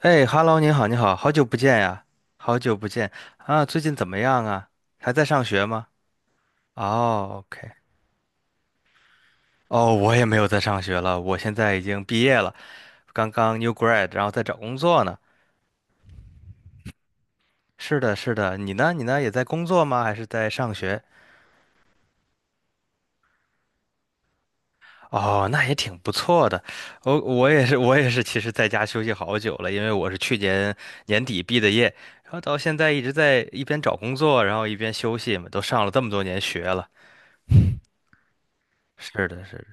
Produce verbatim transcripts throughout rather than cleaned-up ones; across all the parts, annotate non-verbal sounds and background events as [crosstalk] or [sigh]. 哎，Hello，你好，你好，好久不见呀，好久不见啊，最近怎么样啊？还在上学吗？哦，OK，哦，我也没有在上学了，我现在已经毕业了，刚刚 new grad，然后在找工作呢。是的，是的，你呢？你呢？也在工作吗？还是在上学？哦，那也挺不错的。我我也是，我也是，其实在家休息好久了，因为我是去年年底毕的业，然后到现在一直在一边找工作，然后一边休息嘛，都上了这么多年学了。是的，是的。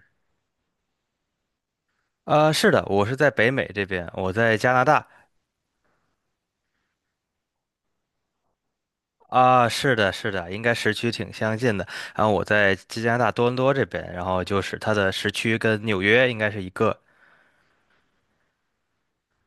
呃，是的，我是在北美这边，我在加拿大啊，是的，是的，应该时区挺相近的。然后我在加拿大多伦多这边，然后就是它的时区跟纽约应该是一个。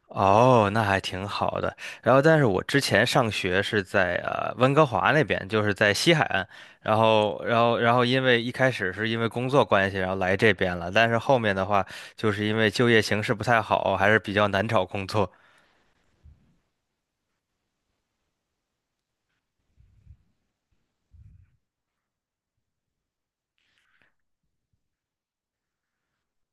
哦，那还挺好的。然后，但是我之前上学是在呃温哥华那边，就是在西海岸。然后，然后，然后因为一开始是因为工作关系，然后来这边了。但是后面的话，就是因为就业形势不太好，还是比较难找工作。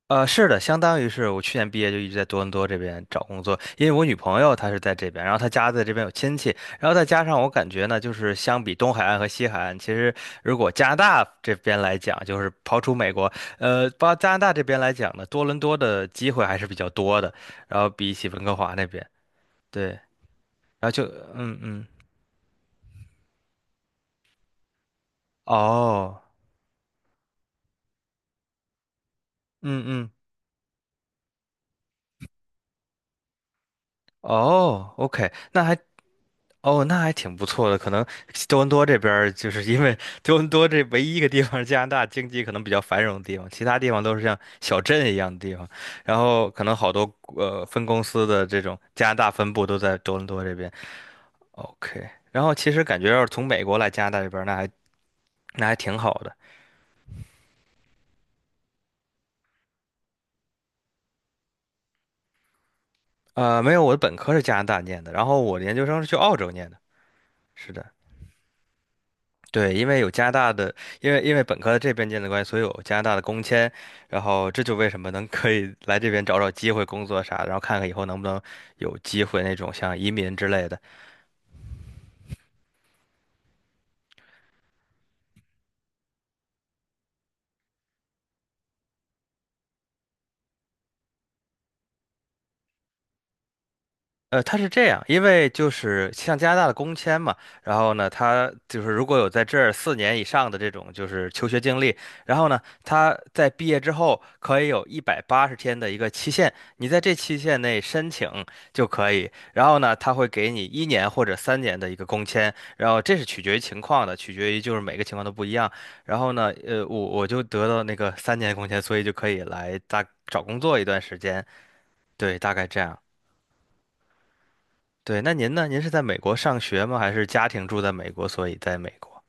呃，是的，相当于是我去年毕业就一直在多伦多这边找工作，因为我女朋友她是在这边，然后她家在这边有亲戚，然后再加上我感觉呢，就是相比东海岸和西海岸，其实如果加拿大这边来讲，就是刨除美国，呃，包加拿大这边来讲呢，多伦多的机会还是比较多的，然后比起温哥华那边，对，然后就嗯嗯，哦，嗯嗯。哦，OK，那还哦，那还挺不错的。可能多伦多这边儿，就是因为多伦多这唯一一个地方，加拿大经济可能比较繁荣的地方，其他地方都是像小镇一样的地方。然后可能好多呃分公司的这种加拿大分部都在多伦多这边。OK，然后其实感觉要是从美国来加拿大这边儿那还那还挺好的。呃，没有，我的本科是加拿大念的，然后我的研究生是去澳洲念的。是的。对，因为有加拿大的，因为因为本科在这边建的关系，所以有加拿大的工签，然后这就为什么能可以来这边找找机会工作啥，然后看看以后能不能有机会那种像移民之类的。呃，它是这样，因为就是像加拿大的工签嘛，然后呢，他就是如果有在这儿四年以上的这种就是求学经历，然后呢，他在毕业之后可以有一百八十天的一个期限，你在这期限内申请就可以，然后呢，他会给你一年或者三年的一个工签，然后这是取决于情况的，取决于就是每个情况都不一样，然后呢，呃，我我就得到那个三年工签，所以就可以来大找工作一段时间，对，大概这样。对，那您呢？您是在美国上学吗？还是家庭住在美国，所以在美国？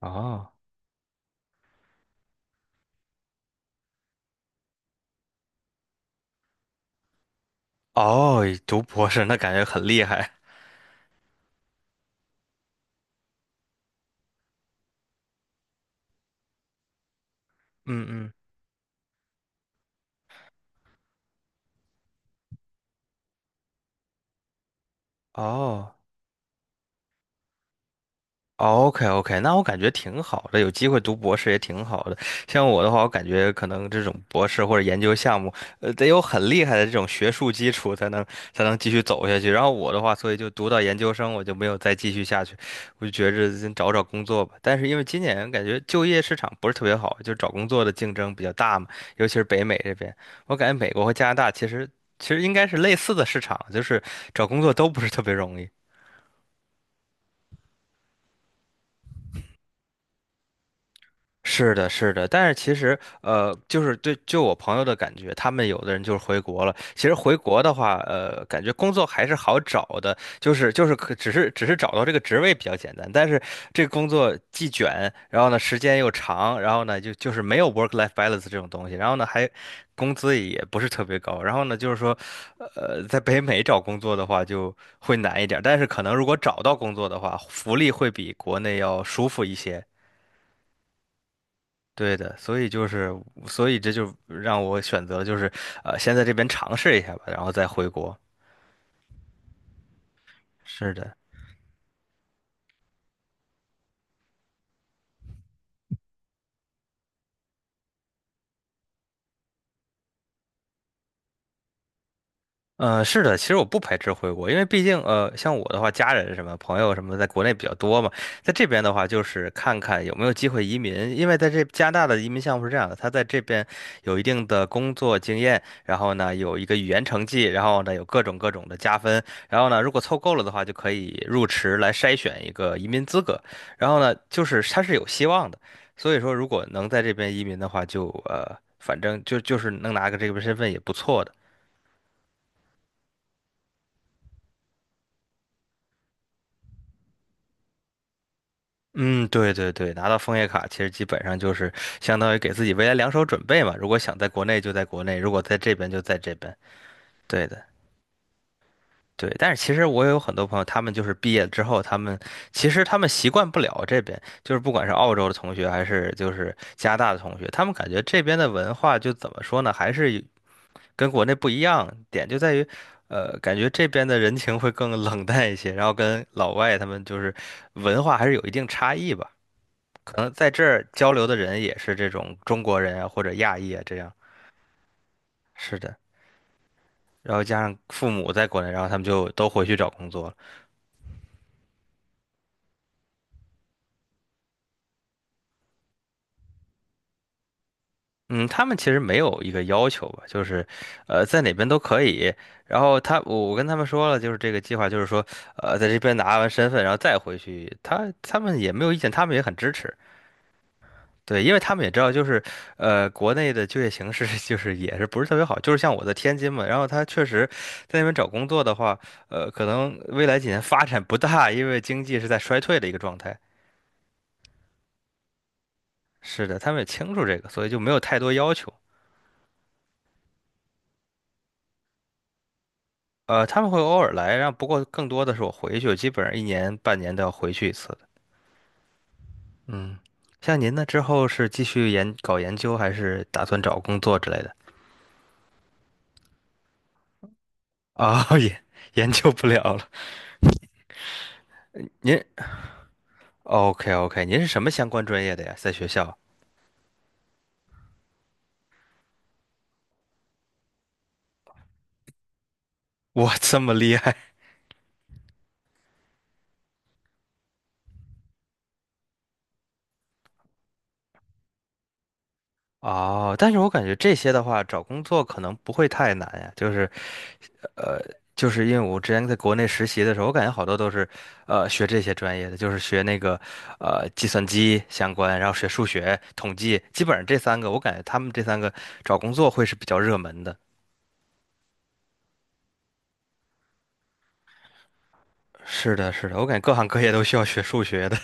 哦哦，读博士那感觉很厉害。嗯嗯，哦，OK OK，那我感觉挺好的，有机会读博士也挺好的。像我的话，我感觉可能这种博士或者研究项目，呃，得有很厉害的这种学术基础，才能才能继续走下去。然后我的话，所以就读到研究生，我就没有再继续下去，我就觉着先找找工作吧。但是因为今年感觉就业市场不是特别好，就找工作的竞争比较大嘛，尤其是北美这边，我感觉美国和加拿大其实其实应该是类似的市场，就是找工作都不是特别容易。是的，是的，但是其实，呃，就是对，就我朋友的感觉，他们有的人就是回国了。其实回国的话，呃，感觉工作还是好找的，就是就是可只是只是找到这个职位比较简单，但是这个工作既卷，然后呢时间又长，然后呢就就是没有 work-life balance 这种东西，然后呢还工资也不是特别高，然后呢就是说，呃，在北美找工作的话就会难一点儿。但是可能如果找到工作的话，福利会比国内要舒服一些。对的，所以就是，所以这就让我选择就是，呃，先在这边尝试一下吧，然后再回国。是的。呃，是的，其实我不排斥回国，因为毕竟呃，像我的话，家人什么朋友什么在国内比较多嘛，在这边的话，就是看看有没有机会移民，因为在这加拿大的移民项目是这样的，他在这边有一定的工作经验，然后呢有一个语言成绩，然后呢有各种各种的加分，然后呢如果凑够了的话，就可以入池来筛选一个移民资格，然后呢就是他是有希望的，所以说如果能在这边移民的话就，呃反正就就是能拿个这个身份也不错的。嗯，对对对，拿到枫叶卡其实基本上就是相当于给自己未来两手准备嘛。如果想在国内就在国内，如果在这边就在这边。对的，对。但是其实我也有很多朋友，他们就是毕业之后，他们其实他们习惯不了这边，就是不管是澳洲的同学还是就是加拿大的同学，他们感觉这边的文化就怎么说呢，还是跟国内不一样。点就在于，呃，感觉这边的人情会更冷淡一些，然后跟老外他们就是文化还是有一定差异吧。可能在这儿交流的人也是这种中国人啊，或者亚裔啊，这样。是的，然后加上父母在国内，然后他们就都回去找工作了。嗯，他们其实没有一个要求吧，就是，呃，在哪边都可以。然后他，我我跟他们说了，就是这个计划，就是说，呃，在这边拿完身份，然后再回去。他他们也没有意见，他们也很支持。对，因为他们也知道，就是呃，国内的就业形势 [laughs] 就是也是不是特别好，就是像我在天津嘛，然后他确实在那边找工作的话，呃，可能未来几年发展不大，因为经济是在衰退的一个状态。是的，他们也清楚这个，所以就没有太多要求。呃，他们会偶尔来，然后不过更多的是我回去，我基本上一年半年都要回去一次的。嗯，像您呢，之后是继续研搞研究，还是打算找工作之类的？啊、[laughs] 也研究不了了。您 OK OK，您是什么相关专业的呀？在学校？哇，这么厉害哦！但是我感觉这些的话，找工作可能不会太难呀。就是，呃，就是因为我之前在国内实习的时候，我感觉好多都是，呃，学这些专业的，就是学那个，呃，计算机相关，然后学数学、统计，基本上这三个，我感觉他们这三个找工作会是比较热门的。是的，是的，我感觉各行各业都需要学数学的。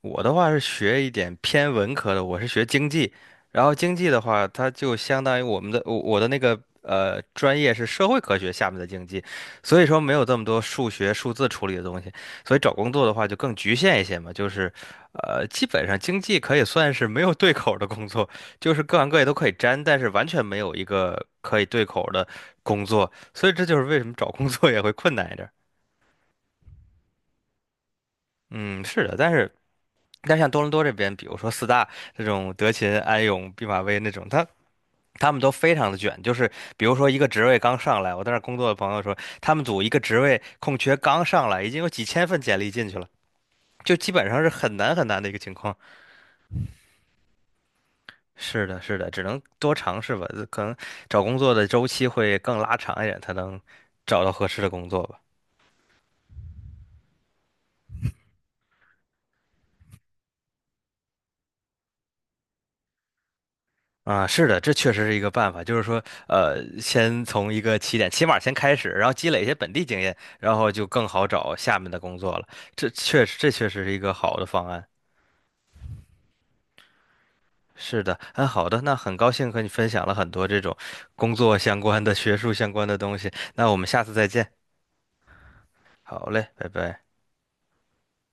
我的话是学一点偏文科的，我是学经济，然后经济的话，它就相当于我们的我我的那个呃专业是社会科学下面的经济，所以说没有这么多数学数字处理的东西，所以找工作的话就更局限一些嘛，就是呃基本上经济可以算是没有对口儿的工作，就是各行各业都可以沾，但是完全没有一个可以对口儿的工作，所以这就是为什么找工作也会困难一点儿。嗯，是的，但是但像多伦多这边，比如说四大这种德勤、安永、毕马威那种，他他们都非常的卷。就是比如说一个职位刚上来，我在那儿工作的朋友说，他们组一个职位空缺刚上来，已经有几千份简历进去了，就基本上是很难很难的一个情况。是的，是的，只能多尝试吧，可能找工作的周期会更拉长一点，才能找到合适的工作吧。啊，是的，这确实是一个办法，就是说，呃，先从一个起点，起码先开始，然后积累一些本地经验，然后就更好找下面的工作了。这确实，这确实是一个好的方案。是的，嗯，好的，那很高兴和你分享了很多这种工作相关的、学术相关的东西。那我们下次再见。好嘞，拜拜。